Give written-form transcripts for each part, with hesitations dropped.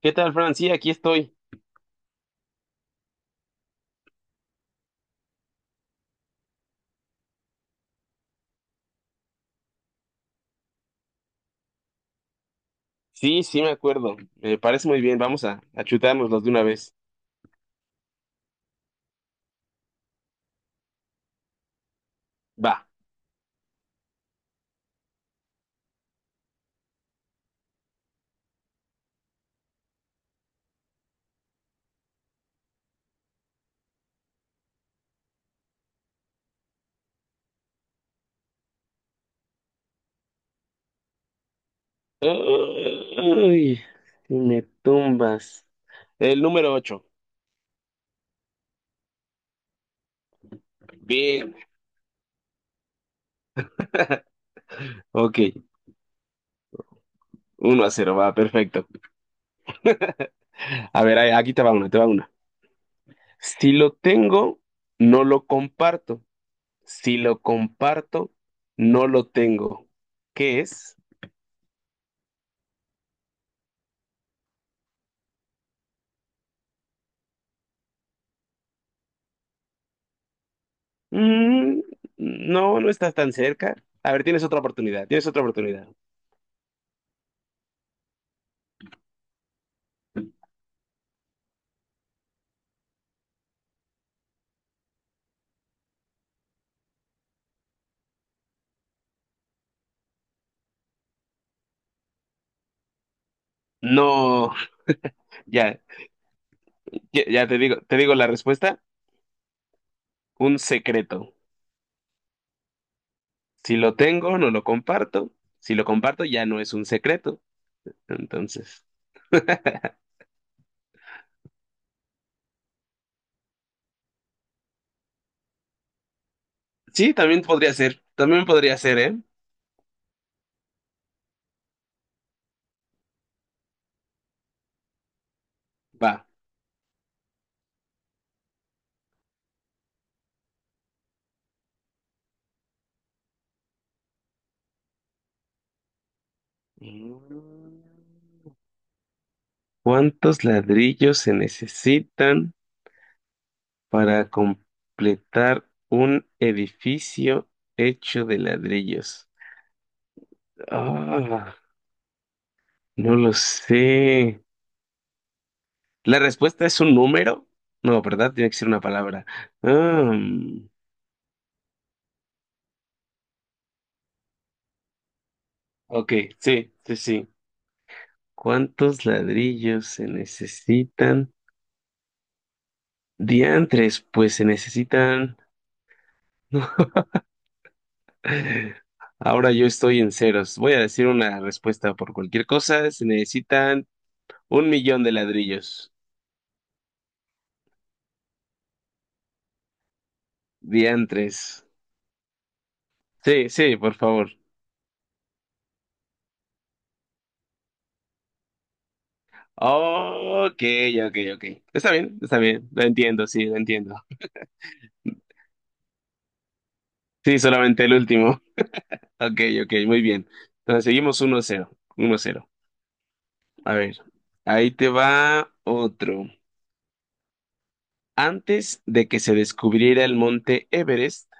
¿Qué tal, Fran? Sí, aquí estoy. Sí, sí, me acuerdo. Me parece muy bien. Vamos a chutárnoslos de una vez. Va. Ay, me tumbas. El número 8. Bien. Ok. 1-0. Va, perfecto. A ver, aquí te va una. Si lo tengo, no lo comparto. Si lo comparto, no lo tengo. ¿Qué es? Mm, no, no estás tan cerca. A ver, tienes otra oportunidad. Tienes otra oportunidad. No. Ya, Ya, ya te digo la respuesta, un secreto. Si lo tengo, no lo comparto. Si lo comparto, ya no es un secreto. Entonces, sí, también podría ser, ¿eh? Va. Mm. ¿Cuántos ladrillos se necesitan para completar un edificio hecho de ladrillos? Ah, no lo sé. La respuesta es un número. No, ¿verdad? Tiene que ser una palabra. Ah, mm. Ok, sí, sí, sí. ¿Cuántos ladrillos se necesitan? Diantres, pues se necesitan. No. Ahora yo estoy en ceros. Voy a decir una respuesta por cualquier cosa. Se necesitan 1 millón de ladrillos. Diantres. Sí, sí, por favor. Ok, ok, ok. Está bien, está bien. Lo entiendo. Sí, solamente el último. Ok, ok, muy bien. Entonces seguimos 1-0, 1-0. A ver, ahí te va otro. Antes de que se descubriera el monte Everest,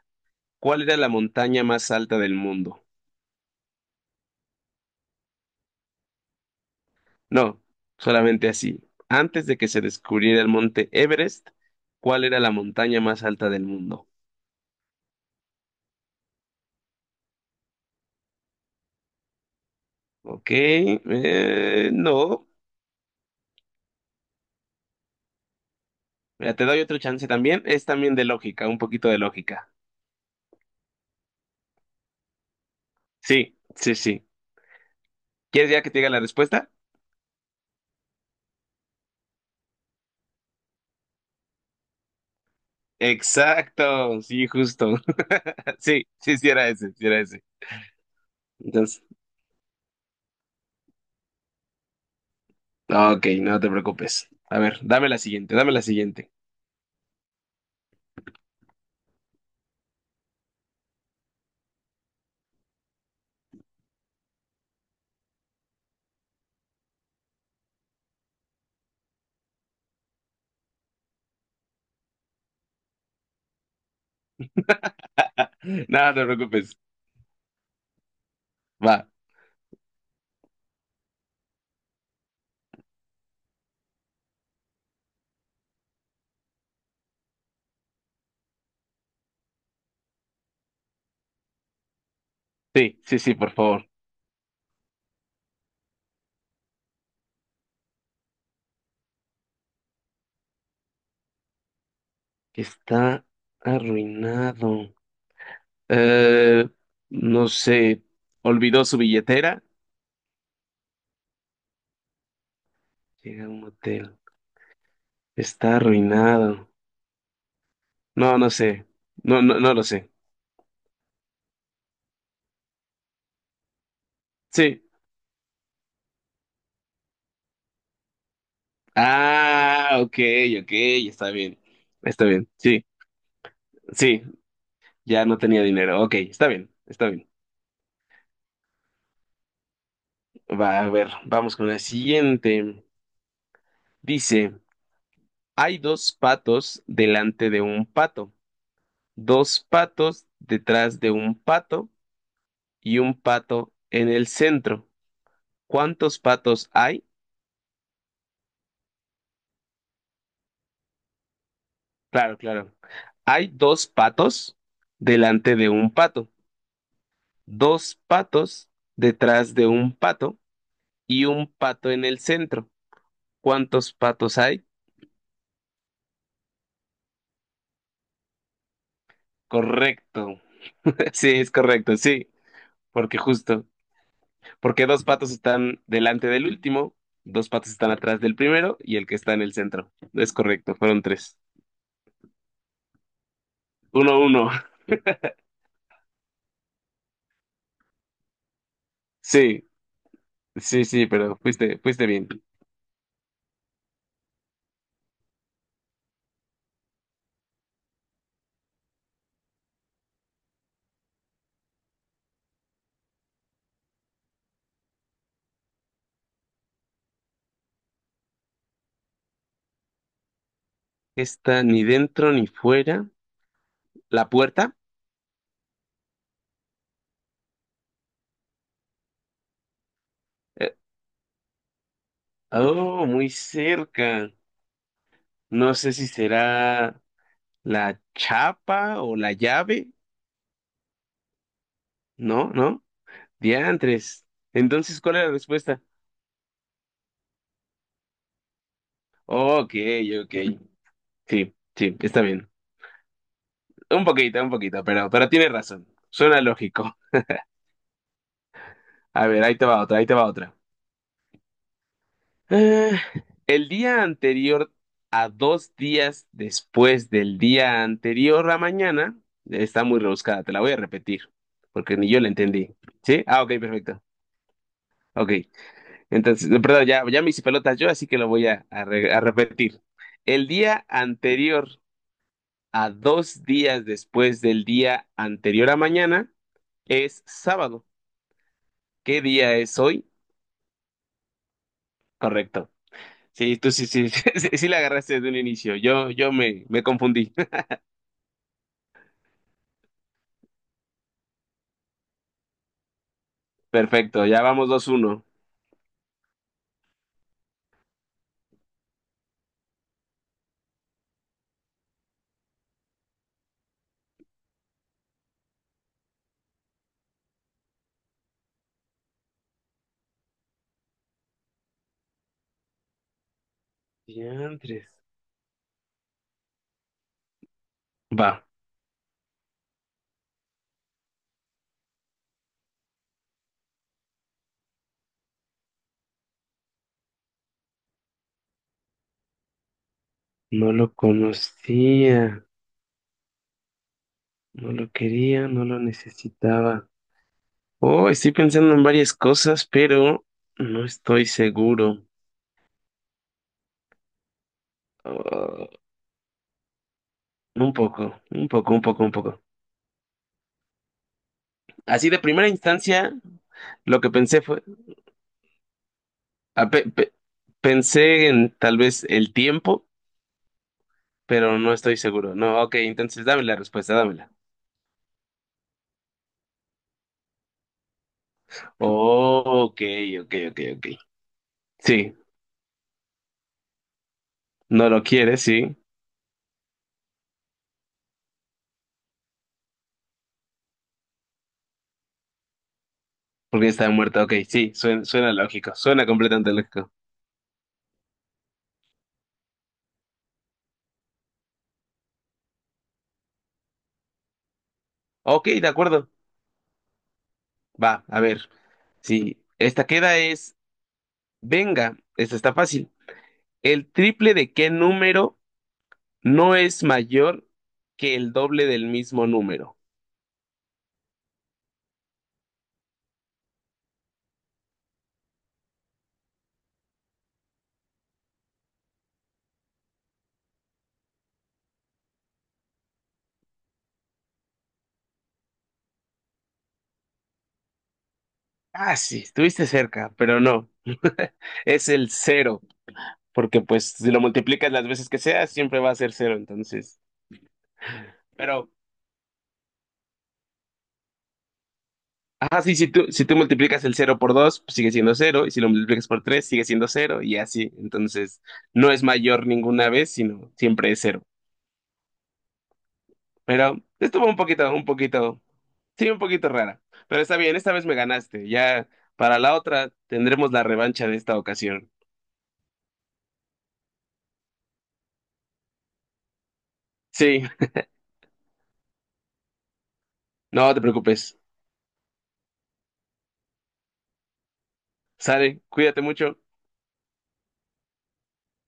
¿cuál era la montaña más alta del mundo? No, solamente así. Antes de que se descubriera el monte Everest, ¿cuál era la montaña más alta del mundo? Ok, no. Mira, te doy otro chance también. Es también de lógica, un poquito de lógica. Sí, sí, sí. ¿Quieres ya que te diga la respuesta? Exacto, sí, justo. Sí, sí, sí era ese, sí era ese. Entonces. Ah, ok, no te preocupes. A ver, dame la siguiente, dame la siguiente. No te preocupes. Va. Sí, sí, sí, por favor. Está arruinado. Eh, no sé. Olvidó su billetera. Llega a un hotel. Está arruinado. No, no sé. No, no, no lo sé. Sí. Ah, ok, ok. Está bien. Está bien. Sí, sí. Ya no tenía dinero. Ok, está bien. Está bien. Va, a ver. Vamos con la siguiente. Dice. Hay dos patos delante de un pato, dos patos detrás de un pato y un pato en el centro. ¿Cuántos patos hay? Claro, claro. Hay dos patos delante de un pato, dos patos detrás de un pato y un pato en el centro. ¿Cuántos patos hay? Correcto. Sí, es correcto, sí, porque justo. Porque dos patos están delante del último, dos patos están atrás del primero y el que está en el centro. Es correcto, fueron tres. 1-1. Sí, sí, sí, pero fuiste bien. Está ni dentro ni fuera. ¿La puerta? eh, oh, muy cerca. No sé si será la chapa o la llave. No, no. Diantres. Entonces, ¿cuál es la respuesta? Ok, ok. Sí, sí, está bien. Un poquito, pero tiene razón. Suena lógico. A ver, ahí te va otra, ahí te va otra. Eh, el día anterior a dos días después del día anterior a mañana, está muy rebuscada, te la voy a repetir, porque ni yo la entendí. ¿Sí? Ah, ok, perfecto. Ok, entonces, no, perdón, ya, ya me hice pelotas yo, así que lo voy a repetir. El día anterior a dos días después del día anterior a mañana es sábado. ¿Qué día es hoy? Correcto. Sí, tú sí, sí, sí, sí la agarraste desde un inicio. Yo me confundí. Perfecto, ya vamos 2-1. Diantres. Va. No lo conocía, no lo quería, no lo necesitaba. Oh, estoy pensando en varias cosas, pero no estoy seguro. Oh, un poco, un poco, un poco, un poco. Así de primera instancia, lo que pensé fue, ah, pensé en tal vez el tiempo, pero no estoy seguro. No, ok, entonces dame la respuesta, dámela. Oh, ok, ok, ok, ok. Sí, no lo quiere, sí, porque está muerta. Ok, sí, suena lógico, suena completamente lógico. Ok, de acuerdo. Va, a ver. Sí, esta queda es, venga, esta está fácil. ¿El triple de qué número no es mayor que el doble del mismo número? Ah, sí, estuviste cerca, pero no. Es el cero. Porque pues si lo multiplicas las veces que sea, siempre va a ser cero, entonces. Pero, ajá, sí, si tú multiplicas el cero por dos, pues sigue siendo cero, y si lo multiplicas por tres, sigue siendo cero, y así. Entonces, no es mayor ninguna vez, sino siempre es cero. Pero estuvo un poquito, sí, un poquito rara. Pero está bien, esta vez me ganaste. Ya para la otra tendremos la revancha de esta ocasión. Sí, no te preocupes. Sale, cuídate mucho.